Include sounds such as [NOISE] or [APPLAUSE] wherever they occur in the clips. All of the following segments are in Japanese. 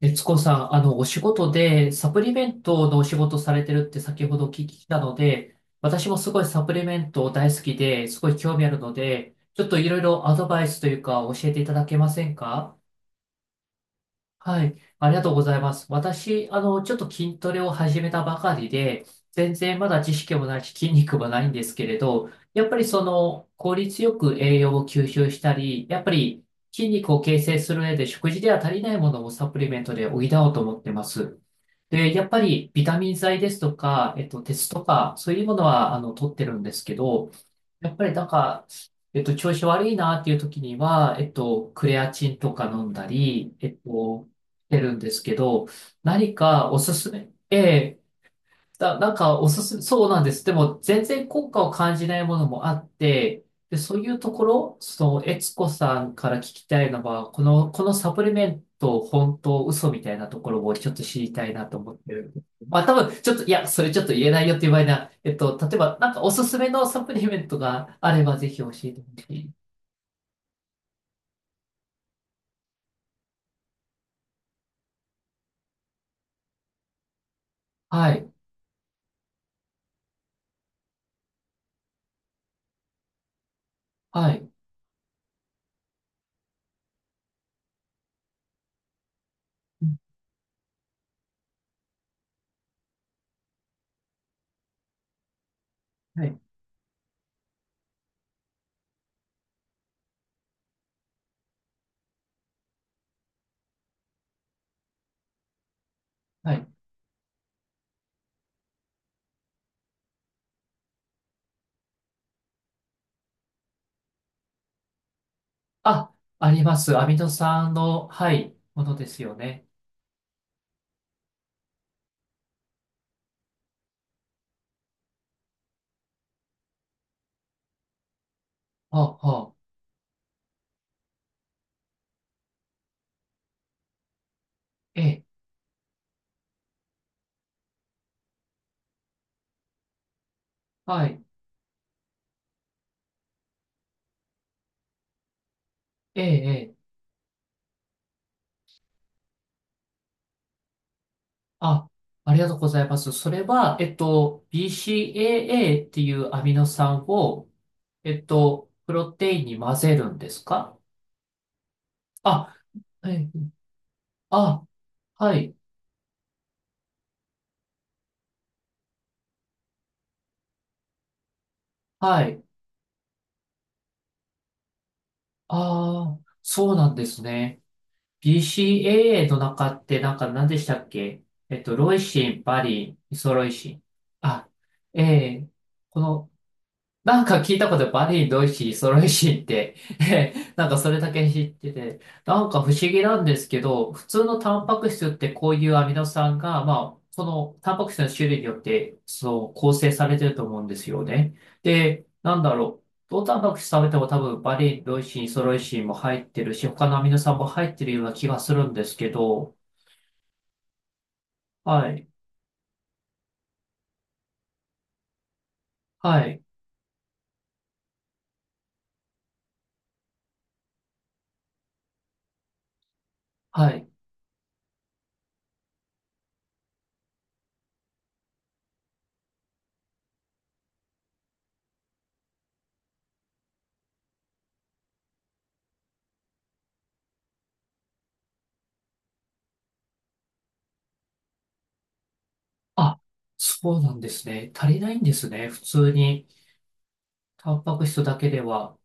悦子さん、お仕事でサプリメントのお仕事されてるって先ほどお聞きしたので、私もすごいサプリメント大好きで、すごい興味あるので、ちょっといろいろアドバイスというか教えていただけませんか？はい、ありがとうございます。私、ちょっと筋トレを始めたばかりで、全然まだ知識もないし、筋肉もないんですけれど、やっぱりその、効率よく栄養を吸収したり、やっぱり筋肉を形成する上で食事では足りないものをサプリメントで補おうと思ってます。で、やっぱりビタミン剤ですとか、鉄とか、そういうものは、取ってるんですけど、やっぱりなんか、調子悪いなっていう時には、クレアチンとか飲んだり、してるんですけど、何かおすすめ、ええだ、なんかおすすめ、そうなんです。でも全然効果を感じないものもあって、で、そういうところ、その、悦子さんから聞きたいのは、この、このサプリメント、本当、嘘みたいなところをちょっと知りたいなと思ってる。まあ、多分、ちょっと、いや、それちょっと言えないよっていう場合な、例えば、なんかおすすめのサプリメントがあれば、ぜひ教えてほしい。はい、はい、うん。はい、はい。あ、あります。アミノ酸の、はい、ものですよね。はあ、はあ、ええ。はい。ええ、ええ。あ、ありがとうございます。それは、BCAA っていうアミノ酸を、プロテインに混ぜるんですか？あ、はい、あ、はい、はい。ああ、そうなんですね。BCAA の中って、なんか何でしたっけ？ロイシン、バリン、イソロイシン。あ、ええ、このなんか聞いたことバリー、ドイシー、ソロイシーって、 [LAUGHS] なんかそれだけ知ってて、なんか不思議なんですけど、普通のタンパク質ってこういうアミノ酸が、まあ、そのタンパク質の種類によって、そう、構成されてると思うんですよね。で、なんだろう。どのタンパク質食べても多分バリー、ドイシー、ソロイシーも入ってるし、他のアミノ酸も入ってるような気がするんですけど、はい、はい、はい。あ、そうなんですね。足りないんですね。普通に、タンパク質だけでは。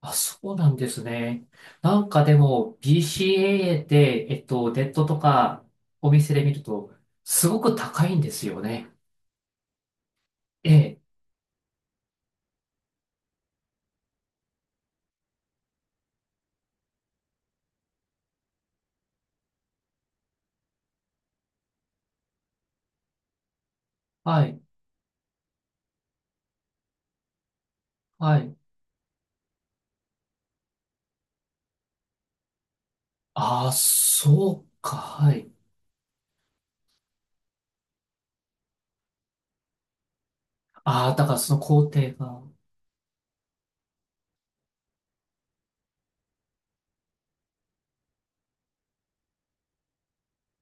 あ、そうなんですね。なんかでも BCAA で、ネットとかお店で見ると、すごく高いんですよね。ええ、はい、はい。ああ、そうか、はい。ああ、だからその工程が。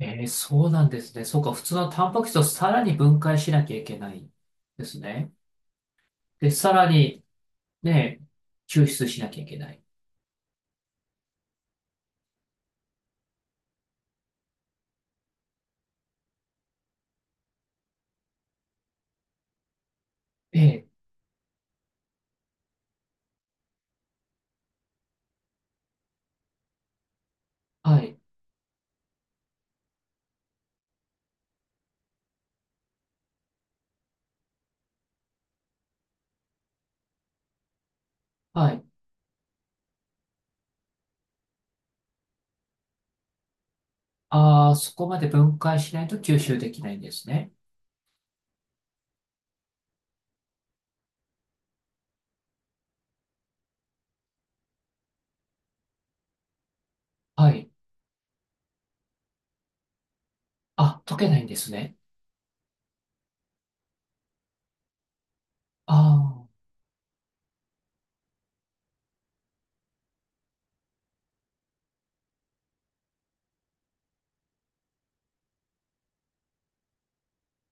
ええ、そうなんですね。そうか、普通のタンパク質をさらに分解しなきゃいけないですね。で、さらに、ね、抽出しなきゃいけない。ええ、はい、はい。ああ、そこまで分解しないと吸収できないんですね。はい。あ、溶けないんですね。あ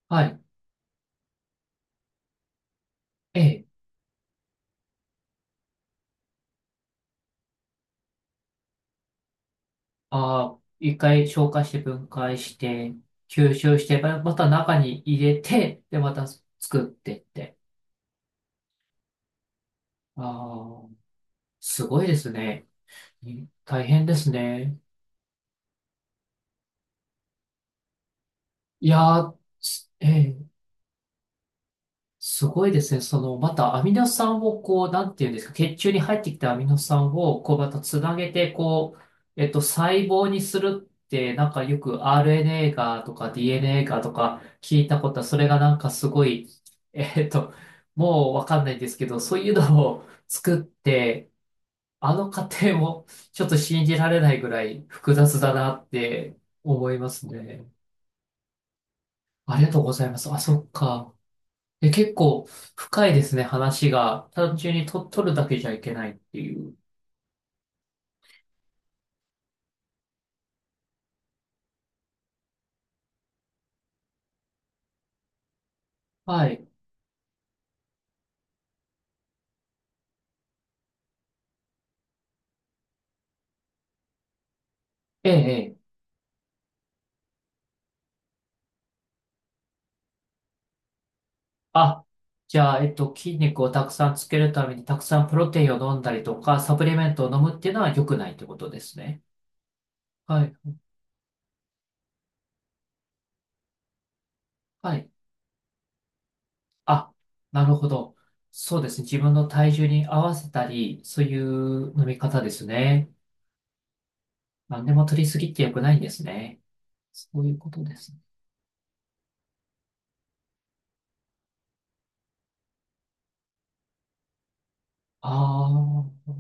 あ、はい。ええ。ああ、一回消化して分解して、吸収して、ままた中に入れて、で、また作ってって。ああ、すごいですね。大変ですね。いやー、すええ。すごいですね。その、またアミノ酸をこう、なんていうんですか、血中に入ってきたアミノ酸を、こう、またつなげて、こう、細胞にするって、なんかよく RNA がとか DNA がとか聞いたことは、それがなんかすごい、えっと、もうわかんないんですけど、そういうのを作って、あの過程もちょっと信じられないぐらい複雑だなって思いますね。ありがとうございます。あ、そっか。え、結構深いですね、話が。単純にと、取るだけじゃいけないっていう。はい。ええ、ええ。あ、じゃあ、筋肉をたくさんつけるためにたくさんプロテインを飲んだりとか、サプリメントを飲むっていうのは良くないってことですね。はい。はい。あ、なるほど。そうですね。自分の体重に合わせたり、そういう飲み方ですね。何でも取りすぎって良くないんですね。そういうことですね。ああ、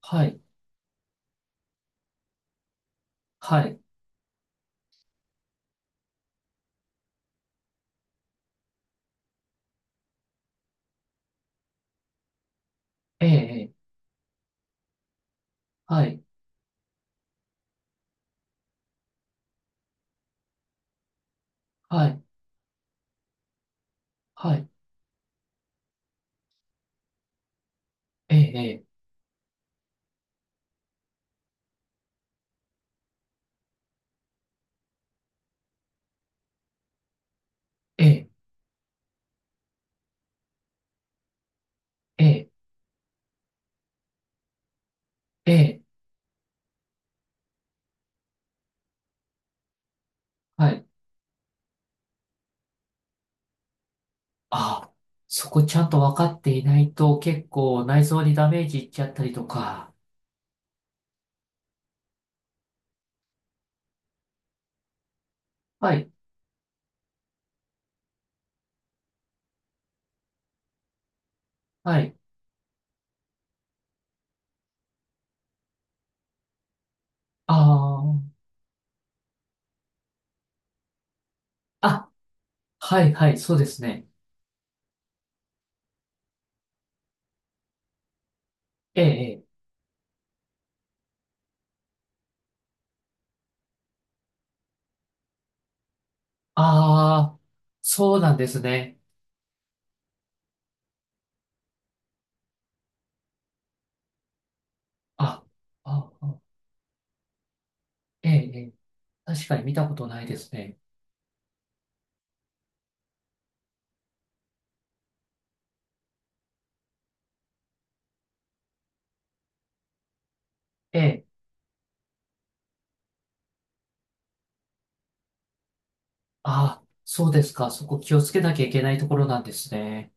はい。はい。ええ、ええ。はい。はい。はい。ええ、ええ、ええ、ええ、はい。あ、そこちゃんと分かっていないと結構内臓にダメージいっちゃったりとか。はい、はい。ああ、あ、はい、はい、そうですね。ええ、ええ、ああ、そうなんですね。あ、あ、あ、ええ、ええ、確かに見たことないですね。ええ、ああ、そうですか。そこ気をつけなきゃいけないところなんですね。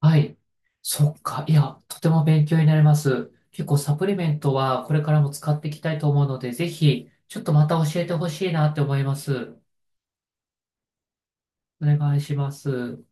はい。そっか。いや、とても勉強になります。結構サプリメントはこれからも使っていきたいと思うので、ぜひ、ちょっとまた教えてほしいなって思います。お願いします。